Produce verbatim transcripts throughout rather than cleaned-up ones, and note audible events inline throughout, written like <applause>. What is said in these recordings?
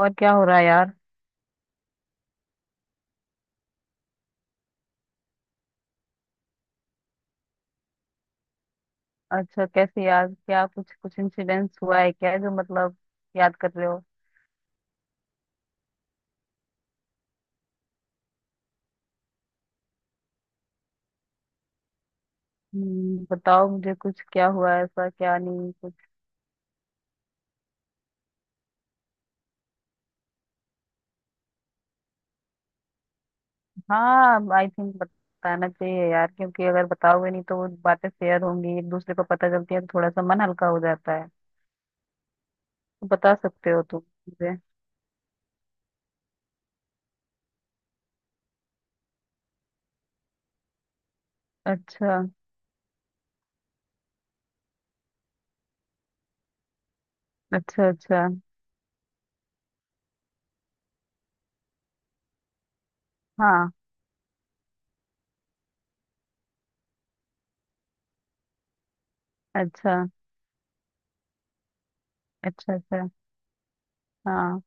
और क्या हो रहा है यार? अच्छा, कैसे यार? क्या कुछ कुछ इंसिडेंट्स हुआ है क्या जो मतलब याद कर रहे हो? हम्म, बताओ मुझे कुछ, क्या हुआ है ऐसा, क्या नहीं कुछ। हाँ, आई थिंक बताना चाहिए यार, क्योंकि अगर बताओगे नहीं तो वो बातें शेयर होंगी, एक दूसरे को पता चलती है तो थोड़ा सा मन हल्का हो जाता है। तो बता सकते हो तुम मुझे। अच्छा, अच्छा, अच्छा। हाँ, अच्छा, अच्छा, अच्छा। हाँ,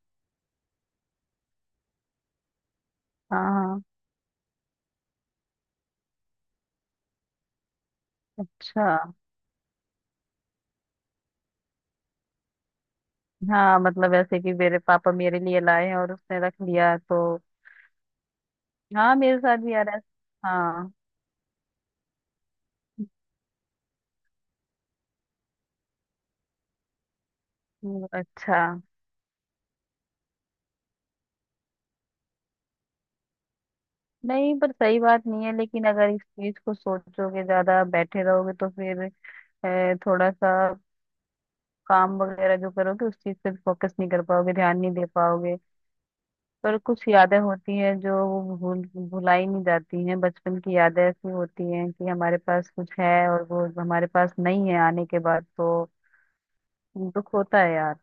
हाँ, हाँ। अच्छा। हाँ मतलब ऐसे कि मेरे पापा मेरे लिए लाए हैं और उसने रख लिया तो। हाँ, मेरे साथ भी आ रहा है। हाँ। हम्म, अच्छा। नहीं, पर सही बात नहीं है, लेकिन अगर इस चीज को सोचोगे, ज्यादा बैठे रहोगे तो फिर अ, थोड़ा सा काम वगैरह जो करोगे उस चीज पे फोकस नहीं कर पाओगे, ध्यान नहीं दे पाओगे। पर कुछ यादें होती हैं जो वो भूल भुलाई नहीं जाती हैं। बचपन की यादें ऐसी होती हैं कि हमारे पास कुछ है और वो हमारे पास नहीं है आने के बाद, तो दुख होता है यार।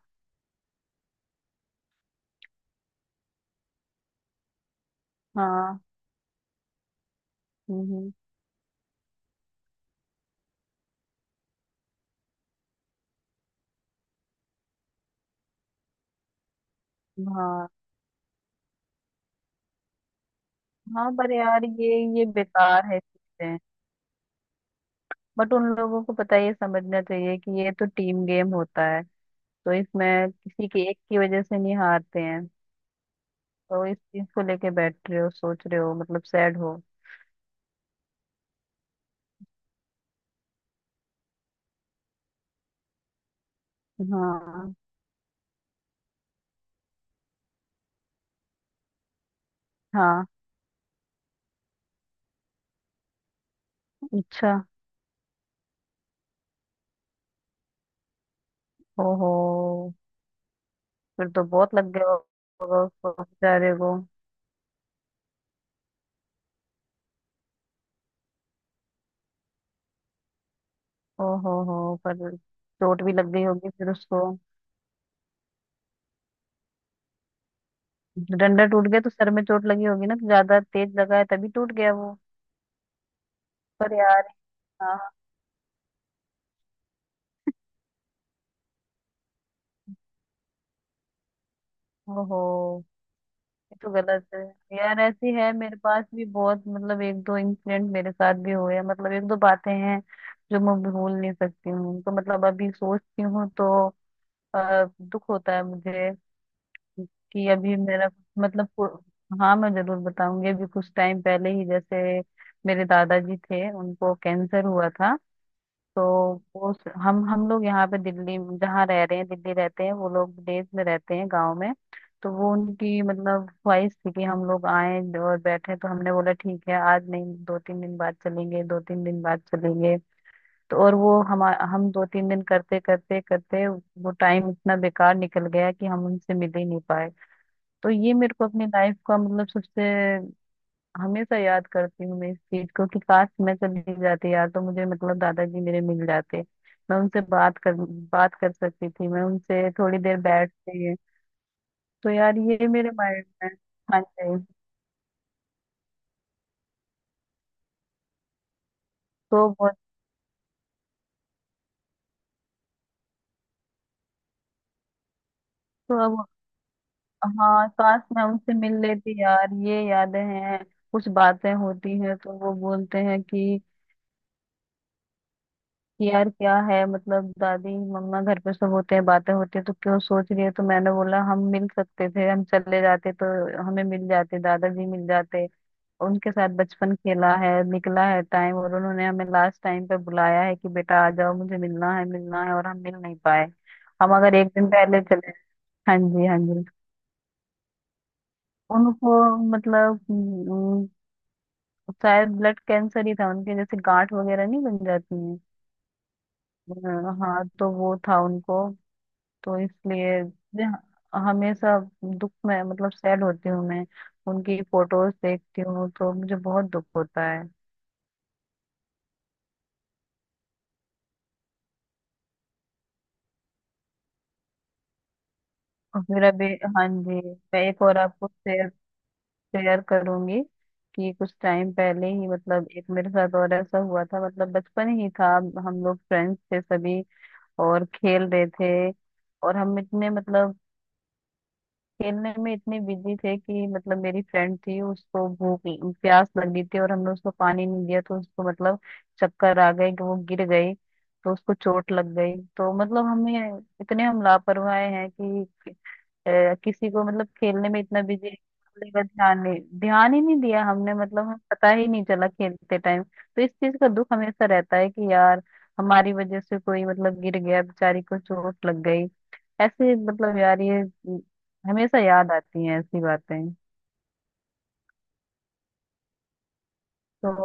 हाँ। हम्म, हम्म, हाँ। हाँ, पर यार ये ये बेकार है चीजें। बट उन लोगों को पता है, ये समझना चाहिए कि ये तो टीम गेम होता है, तो इसमें किसी के एक की वजह से नहीं हारते हैं। तो इस चीज को लेके बैठ रहे हो, सोच रहे हो, मतलब सैड हो। हाँ, हाँ, अच्छा। ओहो। फिर तो बहुत लग गया होगा उसको बेचारे को। ओहो हो, पर चोट भी लग गई होगी फिर उसको। डंडा टूट गया तो सर में चोट लगी होगी ना, तो ज्यादा तेज लगा है तभी टूट गया वो। पर यार, हाँ, ओहो, ये तो गलत है। यार, ऐसी है मेरे पास भी बहुत, मतलब एक दो इंसिडेंट मेरे साथ भी हुए हैं, मतलब एक दो बातें हैं जो मैं भूल नहीं सकती हूँ, तो मतलब अभी सोचती हूँ तो अ, दुख होता है मुझे कि अभी मेरा मतलब पु- हाँ, मैं जरूर बताऊंगी। अभी कुछ टाइम पहले ही जैसे मेरे दादाजी थे, उनको कैंसर हुआ था। तो वो स- हम हम लोग यहाँ पे दिल्ली जहाँ रह रहे हैं, दिल्ली रहते हैं, वो लोग विदेश में रहते हैं, गांव में। तो वो उनकी मतलब ख्वाहिश थी कि हम लोग आए और बैठे, तो हमने बोला ठीक है आज नहीं, दो तीन दिन बाद चलेंगे, दो तीन दिन बाद चलेंगे। तो और वो हम हम दो तीन दिन करते करते करते वो टाइम इतना बेकार निकल गया कि हम उनसे मिल ही नहीं पाए। तो ये मेरे को अपनी लाइफ का मतलब सबसे, हमेशा याद करती हूँ मैं इस चीज को, कि काश मैं चली जाती यार, तो मुझे मतलब दादाजी मेरे मिल जाते। मैं उनसे बात कर बात कर सकती थी, मैं उनसे थोड़ी देर बैठते। तो यार ये मेरे माइंड में, हाँ जी, तो बहुत, तो अब, हाँ काश मैं उनसे मिल लेती यार, ये यादें हैं। कुछ बातें होती हैं तो वो बोलते हैं कि यार क्या है, मतलब दादी, मम्मा, घर पे सब होते हैं, बातें होती है तो क्यों सोच रही है। तो मैंने बोला हम मिल सकते थे, हम चले जाते तो हमें मिल जाते, दादाजी मिल जाते। उनके साथ बचपन खेला है, निकला है टाइम, और उन्होंने हमें लास्ट टाइम पे बुलाया है कि बेटा आ जाओ, मुझे मिलना है, मिलना है, और हम मिल नहीं पाए। हम अगर एक दिन पहले चले। हाँ जी, हाँ जी। उनको मतलब हम्म, शायद ब्लड कैंसर ही था उनके, जैसे गांठ वगैरह नहीं बन जाती है। हाँ, तो वो था उनको, तो इसलिए जहाँ- हमेशा दुख में मतलब सैड होती हूँ मैं। उनकी फोटोज देखती हूँ तो मुझे बहुत दुख होता है। और फिर अभी, हाँ जी, मैं एक और आपको शेयर शेयर करूंगी कि कुछ टाइम पहले ही मतलब एक मेरे साथ और ऐसा हुआ था, मतलब बचपन ही था। हम लोग फ्रेंड्स थे सभी और खेल रहे थे, और हम इतने मतलब खेलने में इतने बिजी थे कि मतलब मेरी फ्रेंड थी, उसको भूख प्यास लगी थी और हमने उसको पानी नहीं दिया, तो उसको मतलब चक्कर आ गए कि वो गिर गई, तो उसको चोट लग गई। तो मतलब हमें इतने हम लापरवाह हैं कि अ, किसी को मतलब, खेलने में इतना बिजी है, का ध्यान नहीं ध्यान ही नहीं दिया हमने, मतलब हमें पता ही नहीं चला खेलते टाइम। तो इस चीज का दुख हमेशा रहता है कि यार हमारी वजह से कोई मतलब गिर गया, बेचारी को चोट लग गई, ऐसे मतलब यार ये अम, हमेशा याद आती हैं ऐसी बातें। तो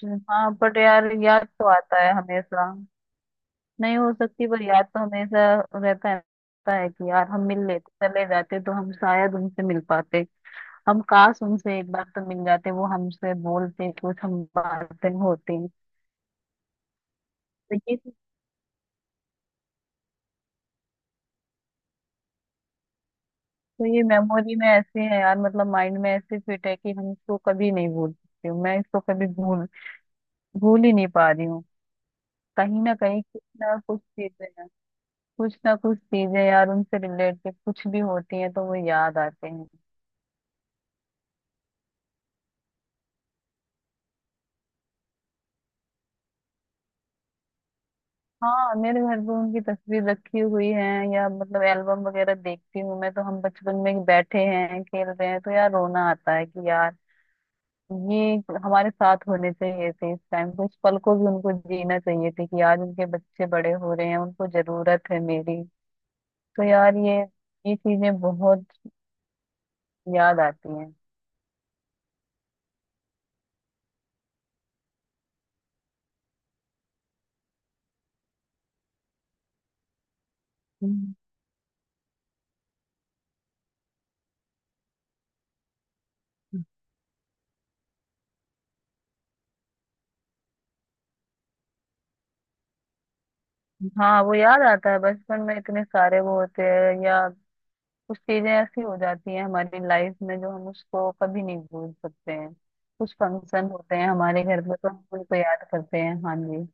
जो- हाँ, बट यार याद तो आता है हमेशा। नहीं हो सकती, पर याद तो हमेशा रहता है, रहता है कि यार हम मिल लेते, चले जाते तो हम शायद उनसे मिल पाते। हम काश उनसे एक बार तो मिल जाते, वो हमसे बोलते कुछ, हम बातें होती। तो ये तो ये मेमोरी में ऐसे है यार, मतलब माइंड में ऐसे फिट है कि हम इसको कभी नहीं भूल सकते, मैं इसको कभी भूल भूल ही नहीं पा रही हूँ। कहीं ना कहीं कुछ ना कुछ चीजें हैं। कुछ ना कुछ चीजें यार उनसे रिलेटेड कुछ भी होती हैं तो वो याद आते हैं। हाँ, मेरे घर पे उनकी तस्वीर रखी हुई है या मतलब एल्बम वगैरह देखती हूँ मैं, तो हम बचपन में बैठे हैं खेल रहे हैं, तो यार रोना आता है कि यार ये हमारे साथ होने चाहिए थे इस टाइम, कुछ पल को भी उनको जीना चाहिए थे, कि आज उनके बच्चे बड़े हो रहे हैं, उनको जरूरत है मेरी। तो यार ये ये चीजें बहुत याद आती हैं। हम्म। हाँ, वो याद आता है बचपन में इतने सारे वो होते हैं, या कुछ चीजें ऐसी हो जाती हैं हमारी लाइफ में जो हम उसको कभी नहीं भूल सकते हैं। कुछ फंक्शन होते हैं हमारे घर में तो हम उनको याद करते हैं, हाँ जी।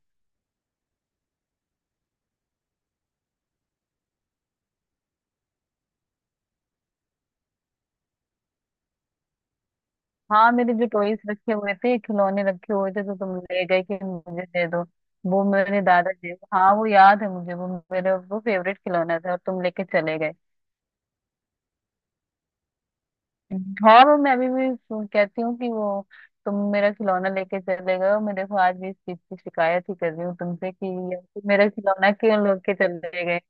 हाँ, मेरे जो टॉयज रखे हुए थे, खिलौने रखे हुए थे, तो तुम ले गए कि मुझे दे दो। वो मेरे दादाजी, हाँ, वो याद है मुझे, वो मेरे वो फेवरेट खिलौना था और तुम लेके चले गए। और वो मैं अभी भी सु- कहती हूँ कि वो तुम मेरा खिलौना लेके चले गए हो। मैं देखो, आज भी इस चीज की शिकायत ही कर रही हूँ तुमसे कि यार तुम मेरा खिलौना क्यों लेके चले गए?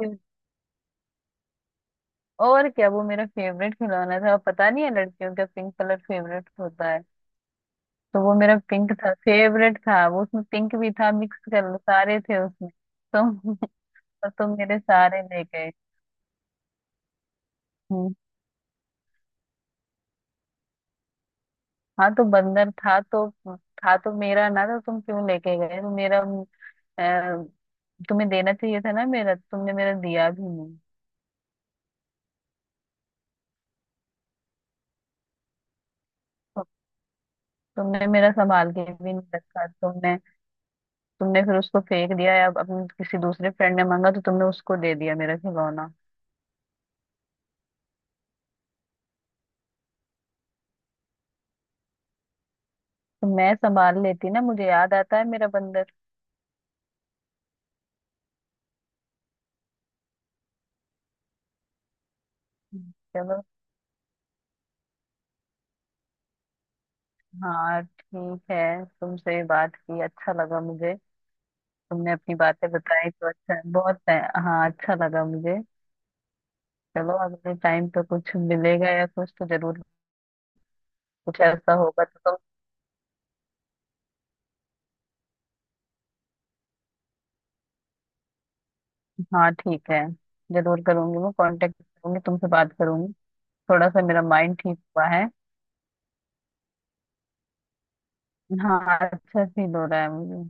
क्यों- और क्या, वो मेरा फेवरेट खिलौना था, पता नहीं है, लड़कियों का पिंक कलर फेवरेट होता है। तो वो मेरा पिंक था फेवरेट था वो, उसमें पिंक भी था, मिक्स कर सारे थे उसमें। तुम <laughs> तो, तुम मेरे सारे ले गए। हम्म, हाँ तो बंदर था तो, था तो मेरा ना, तो तुम क्यों लेके गए? तो मेरा अ, तुम्हें देना चाहिए था ना मेरा, तो तुमने मेरा दिया भी नहीं। तो तुमने मेरा संभाल के भी नहीं रखा तुमने। तुमने फिर उसको फेंक दिया या अपने किसी दूसरे फ्रेंड ने मांगा तो तुमने उसको दे दिया मेरा खिलौना। तो मैं संभाल लेती ना, मुझे याद आता है मेरा बंदर। चलो, हाँ ठीक है, तुमसे भी बात की अच्छा लगा मुझे। तुमने अपनी बातें बताई तो अच्छा बहुत है। हाँ, अच्छा लगा मुझे। चलो, अगले टाइम पे कुछ मिलेगा या कुछ तो जरूर, कुछ ऐसा होगा तो। तुम, हाँ ठीक है, जरूर करूंगी, मैं कांटेक्ट करूंगी, तुमसे बात करूंगी। थोड़ा सा मेरा माइंड ठीक हुआ है। हाँ, अच्छा फील हो रहा है मुझे।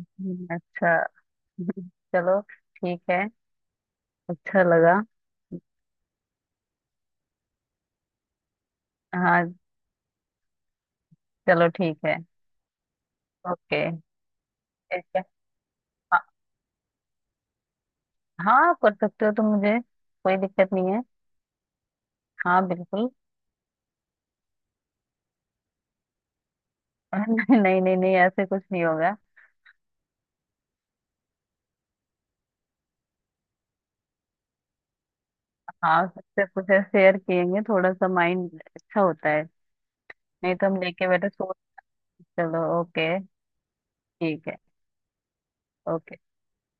हम्म, अच्छा। <laughs> चलो ठीक है, अच्छा लगा, हाँ, चलो ठीक है, ओके, ठीक है। हाँ, कर सकते हो तुम मुझे, कोई दिक्कत नहीं है। हाँ, बिल्कुल। <laughs> नहीं, नहीं, नहीं, नहीं, ऐसे कुछ नहीं होगा। हाँ, सबसे कुछ शेयर किएंगे, थोड़ा सा माइंड अच्छा होता है। नहीं तो हम लेके बैठे सोच। चलो ओके, ठीक है, ओके।